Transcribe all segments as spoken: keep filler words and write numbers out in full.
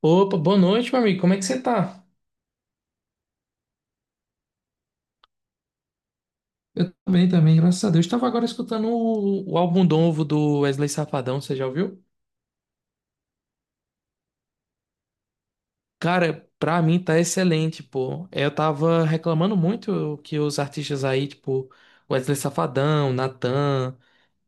Opa, boa noite, meu amigo. Como é que você tá? Eu tô bem também, graças a Deus. Estava agora escutando o, o álbum novo do Wesley Safadão, você já ouviu? Cara, pra mim tá excelente, pô. É, Eu tava reclamando muito que os artistas aí, tipo, Wesley Safadão, Natan,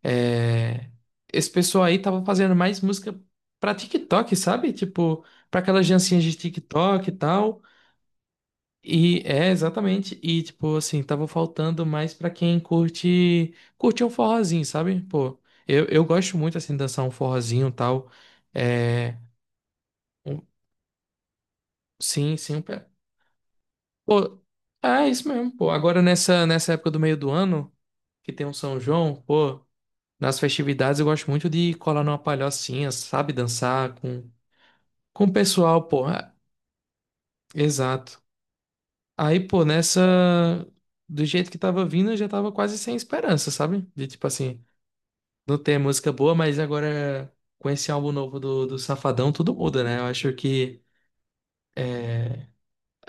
é... esse pessoal aí tava fazendo mais música pra TikTok, sabe? Tipo, pra aquelas dancinhas de TikTok e tal. E é exatamente, e tipo assim, tava faltando mais pra quem curte, curte um forrozinho, sabe? Pô, eu, eu gosto muito assim de dançar um forrozinho e tal. É, um- sim, sim, um pé. Pô, é isso mesmo, pô. Agora nessa nessa época do meio do ano, que tem um São João, pô, nas festividades eu gosto muito de colar numa palhocinha, sabe, dançar com com o pessoal, pô. É, exato. Aí, pô, nessa do jeito que tava vindo, eu já tava quase sem esperança, sabe? De tipo assim, não tem música boa, mas agora com esse álbum novo do, do Safadão, tudo muda, né? Eu acho que é,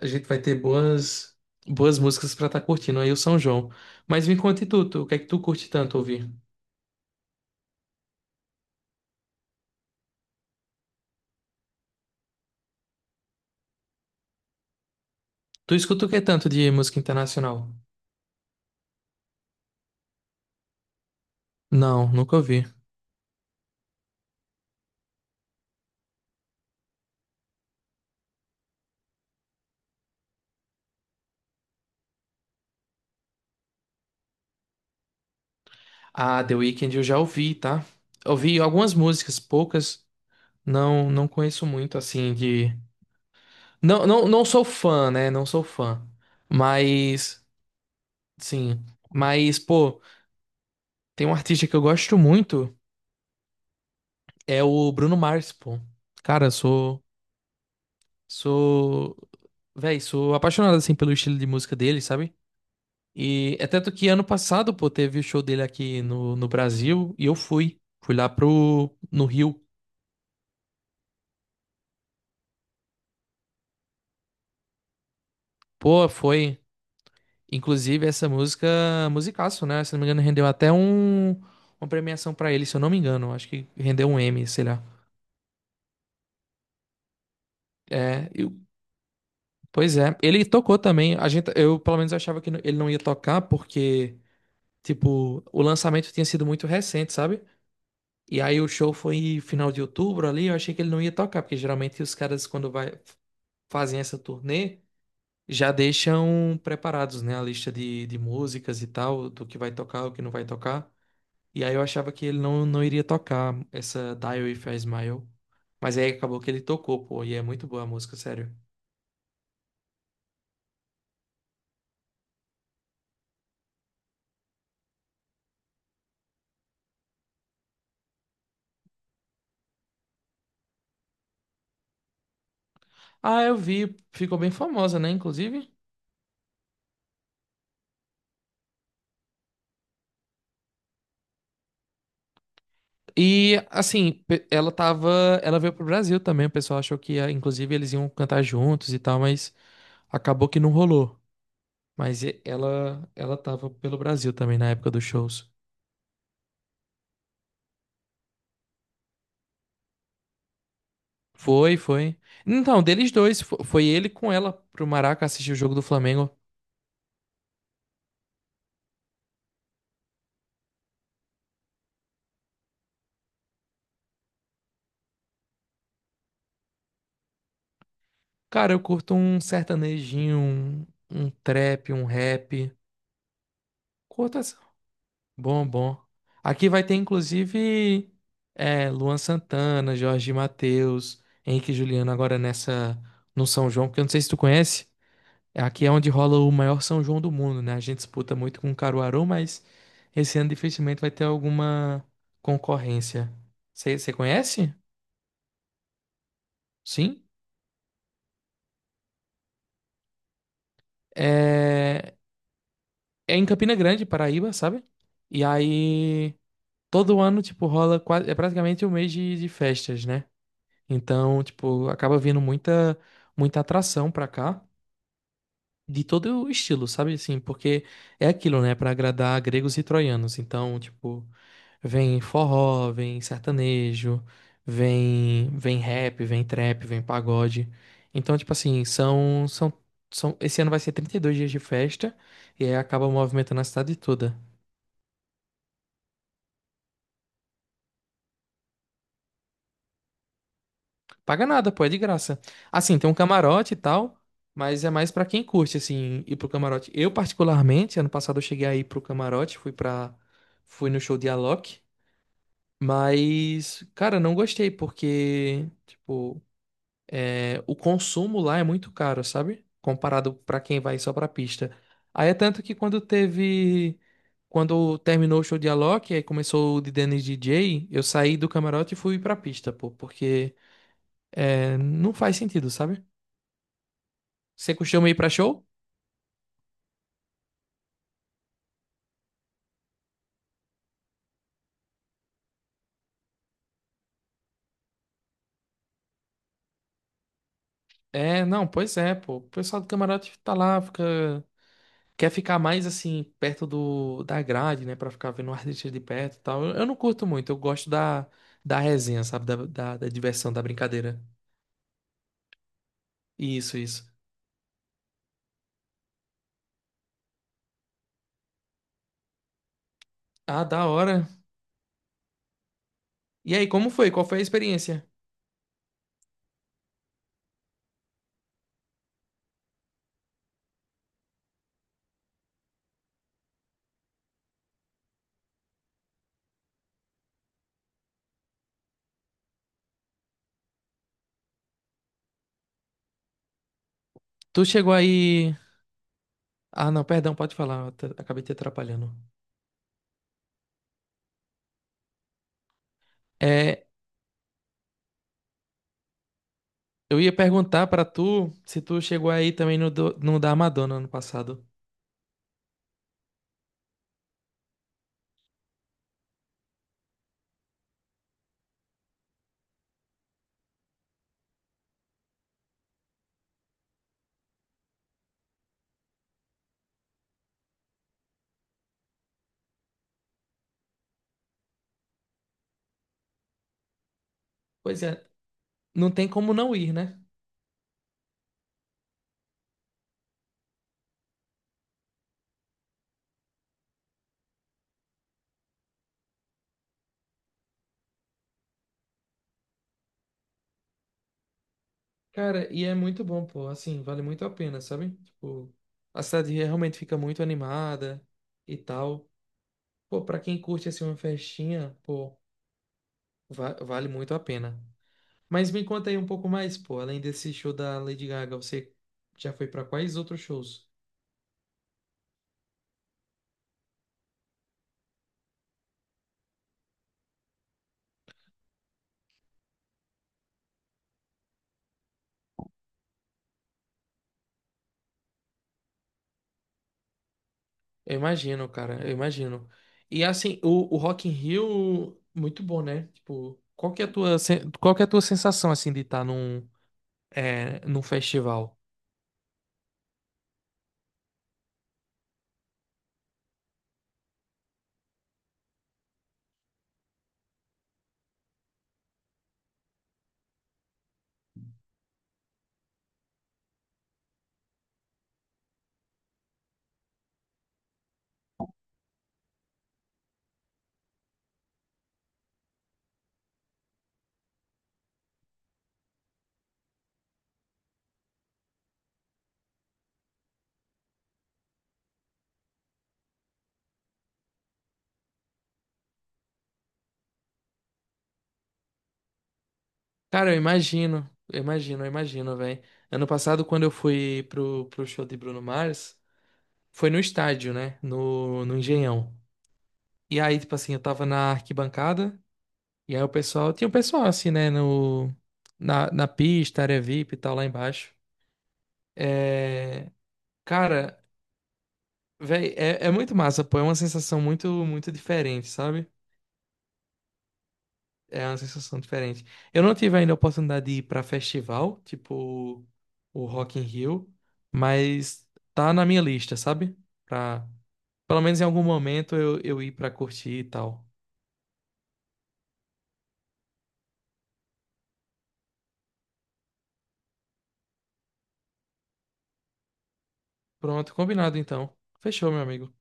a gente vai ter boas, boas músicas pra estar curtindo aí o São João. Mas me conta e tu, tu, o que é que tu curte tanto ouvir? Tu escuta o que tanto de música internacional? Não, nunca ouvi. Ah, The Weeknd eu já ouvi, tá? Ouvi algumas músicas, poucas. Não, não conheço muito, assim, de... Não, não, não sou fã, né? Não sou fã. Mas, sim. Mas, pô... Tem um artista que eu gosto muito, é o Bruno Mars, pô. Cara, eu sou, sou, véi, sou apaixonado assim pelo estilo de música dele, sabe? E é tanto que ano passado, pô, teve o show dele aqui no, no Brasil e eu fui, fui lá pro no Rio. Pô, foi, inclusive essa música, musicaço, né? Se não me engano, rendeu até um uma premiação pra ele, se eu não me engano, acho que rendeu um M, sei lá. É, eu- pois é, ele tocou também. A gente, eu pelo menos achava que ele não ia tocar porque tipo, o lançamento tinha sido muito recente, sabe? E aí o show foi final de outubro ali, eu achei que ele não ia tocar, porque geralmente os caras, quando vai, fazem essa turnê, já deixam preparados, né? A lista de, de músicas e tal, do que vai tocar, o que não vai tocar. E aí eu achava que ele não, não iria tocar essa Dial If I Smile. Mas aí acabou que ele tocou, pô, e é muito boa a música, sério. Ah, eu vi, ficou bem famosa, né, inclusive? E assim, pe- ela tava, ela veio pro Brasil também, o pessoal achou que ia, inclusive eles iam cantar juntos e tal, mas acabou que não rolou. Mas e- ela, ela tava pelo Brasil também na época dos shows. Foi, foi. Então, deles dois, fo- foi ele com ela pro Maraca assistir o jogo do Flamengo. Cara, eu curto um sertanejinho, um, um trap, um rap. Curto bom, bom. Aqui vai ter, inclusive, é, Luan Santana, Jorge Mateus, Henrique e Juliano agora nessa no São João, porque eu não sei se tu conhece, é aqui é onde rola o maior São João do mundo, né? A gente disputa muito com Caruaru, mas esse ano dificilmente vai ter alguma concorrência. Você você conhece? Sim. É, é em Campina Grande, Paraíba, sabe? E aí todo ano, tipo, rola quase... é praticamente um mês de de festas, né? Então, tipo, acaba vindo muita, muita atração pra cá, de todo o estilo, sabe? Assim, porque é aquilo, né? Pra agradar gregos e troianos. Então, tipo, vem forró, vem sertanejo, vem, vem rap, vem trap, vem pagode. Então, tipo assim, são, são, são, esse ano vai ser trinta e dois dias de festa e aí acaba movimentando a cidade toda. Paga nada, pô, é de graça. Assim, tem um camarote e tal, mas é mais pra quem curte, assim, ir pro camarote. Eu, particularmente, ano passado eu cheguei aí pro camarote, fui pra. Fui no show de Alok, mas, cara, não gostei, porque, tipo, é, o consumo lá é muito caro, sabe? Comparado pra quem vai só pra pista. Aí é tanto que quando teve. Quando terminou o show de Alok, aí começou o de Dennis D J, eu saí do camarote e fui pra pista, pô, porque. É, não faz sentido, sabe? Você costuma ir pra show? É, não, pois é, pô. O pessoal do camarote tá lá, fica... Quer ficar mais, assim, perto do, da grade, né? Pra ficar vendo o artista de perto e tal. Eu, eu não curto muito, eu gosto da, da resenha, sabe? Da, da, da diversão, da brincadeira. Isso, isso. Ah, da hora. E aí, como foi? Qual foi a experiência? Tu chegou aí. Ah, não, perdão, pode falar. eu te- Acabei te atrapalhando. É, eu ia perguntar pra tu se tu chegou aí também no, do- no da Madonna ano passado. Pois é, não tem como não ir, né? Cara, e é muito bom, pô. Assim, vale muito a pena, sabe? Tipo, a cidade realmente fica muito animada e tal. Pô, pra quem curte assim uma festinha, pô, va- vale muito a pena. Mas me conta aí um pouco mais, pô. Além desse show da Lady Gaga, você já foi pra quais outros shows? Eu imagino, cara, eu imagino. E assim, o, o Rock in Rio, muito bom, né? Tipo, qual que é a tua, sen- qual que é a tua sensação, assim, de estar num, é, num festival? Cara, eu imagino, eu imagino, eu imagino, velho. Ano passado, quando eu fui pro, pro show de Bruno Mars, foi no estádio, né? No, no Engenhão. E aí, tipo assim, eu tava na arquibancada, e aí o pessoal, tinha o pessoal assim, né, no, na, na pista, área vip e tal, lá embaixo. É, cara, velho, é, é muito massa, pô, é uma sensação muito, muito diferente, sabe? É uma sensação diferente. Eu não tive ainda a oportunidade de ir pra festival, tipo o Rock in Rio, mas tá na minha lista, sabe? Pra, pelo menos em algum momento eu, eu ir pra curtir e tal. Pronto, combinado então. Fechou, meu amigo.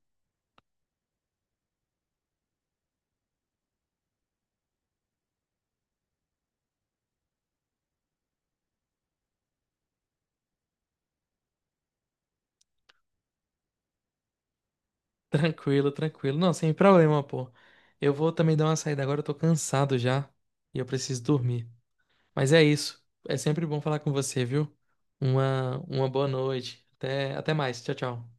Tranquilo, tranquilo. Não, sem problema, pô. Eu vou também dar uma saída agora, eu tô cansado já e eu preciso dormir. Mas é isso. É sempre bom falar com você, viu? Uma, uma boa noite. Até, até mais. Tchau, tchau.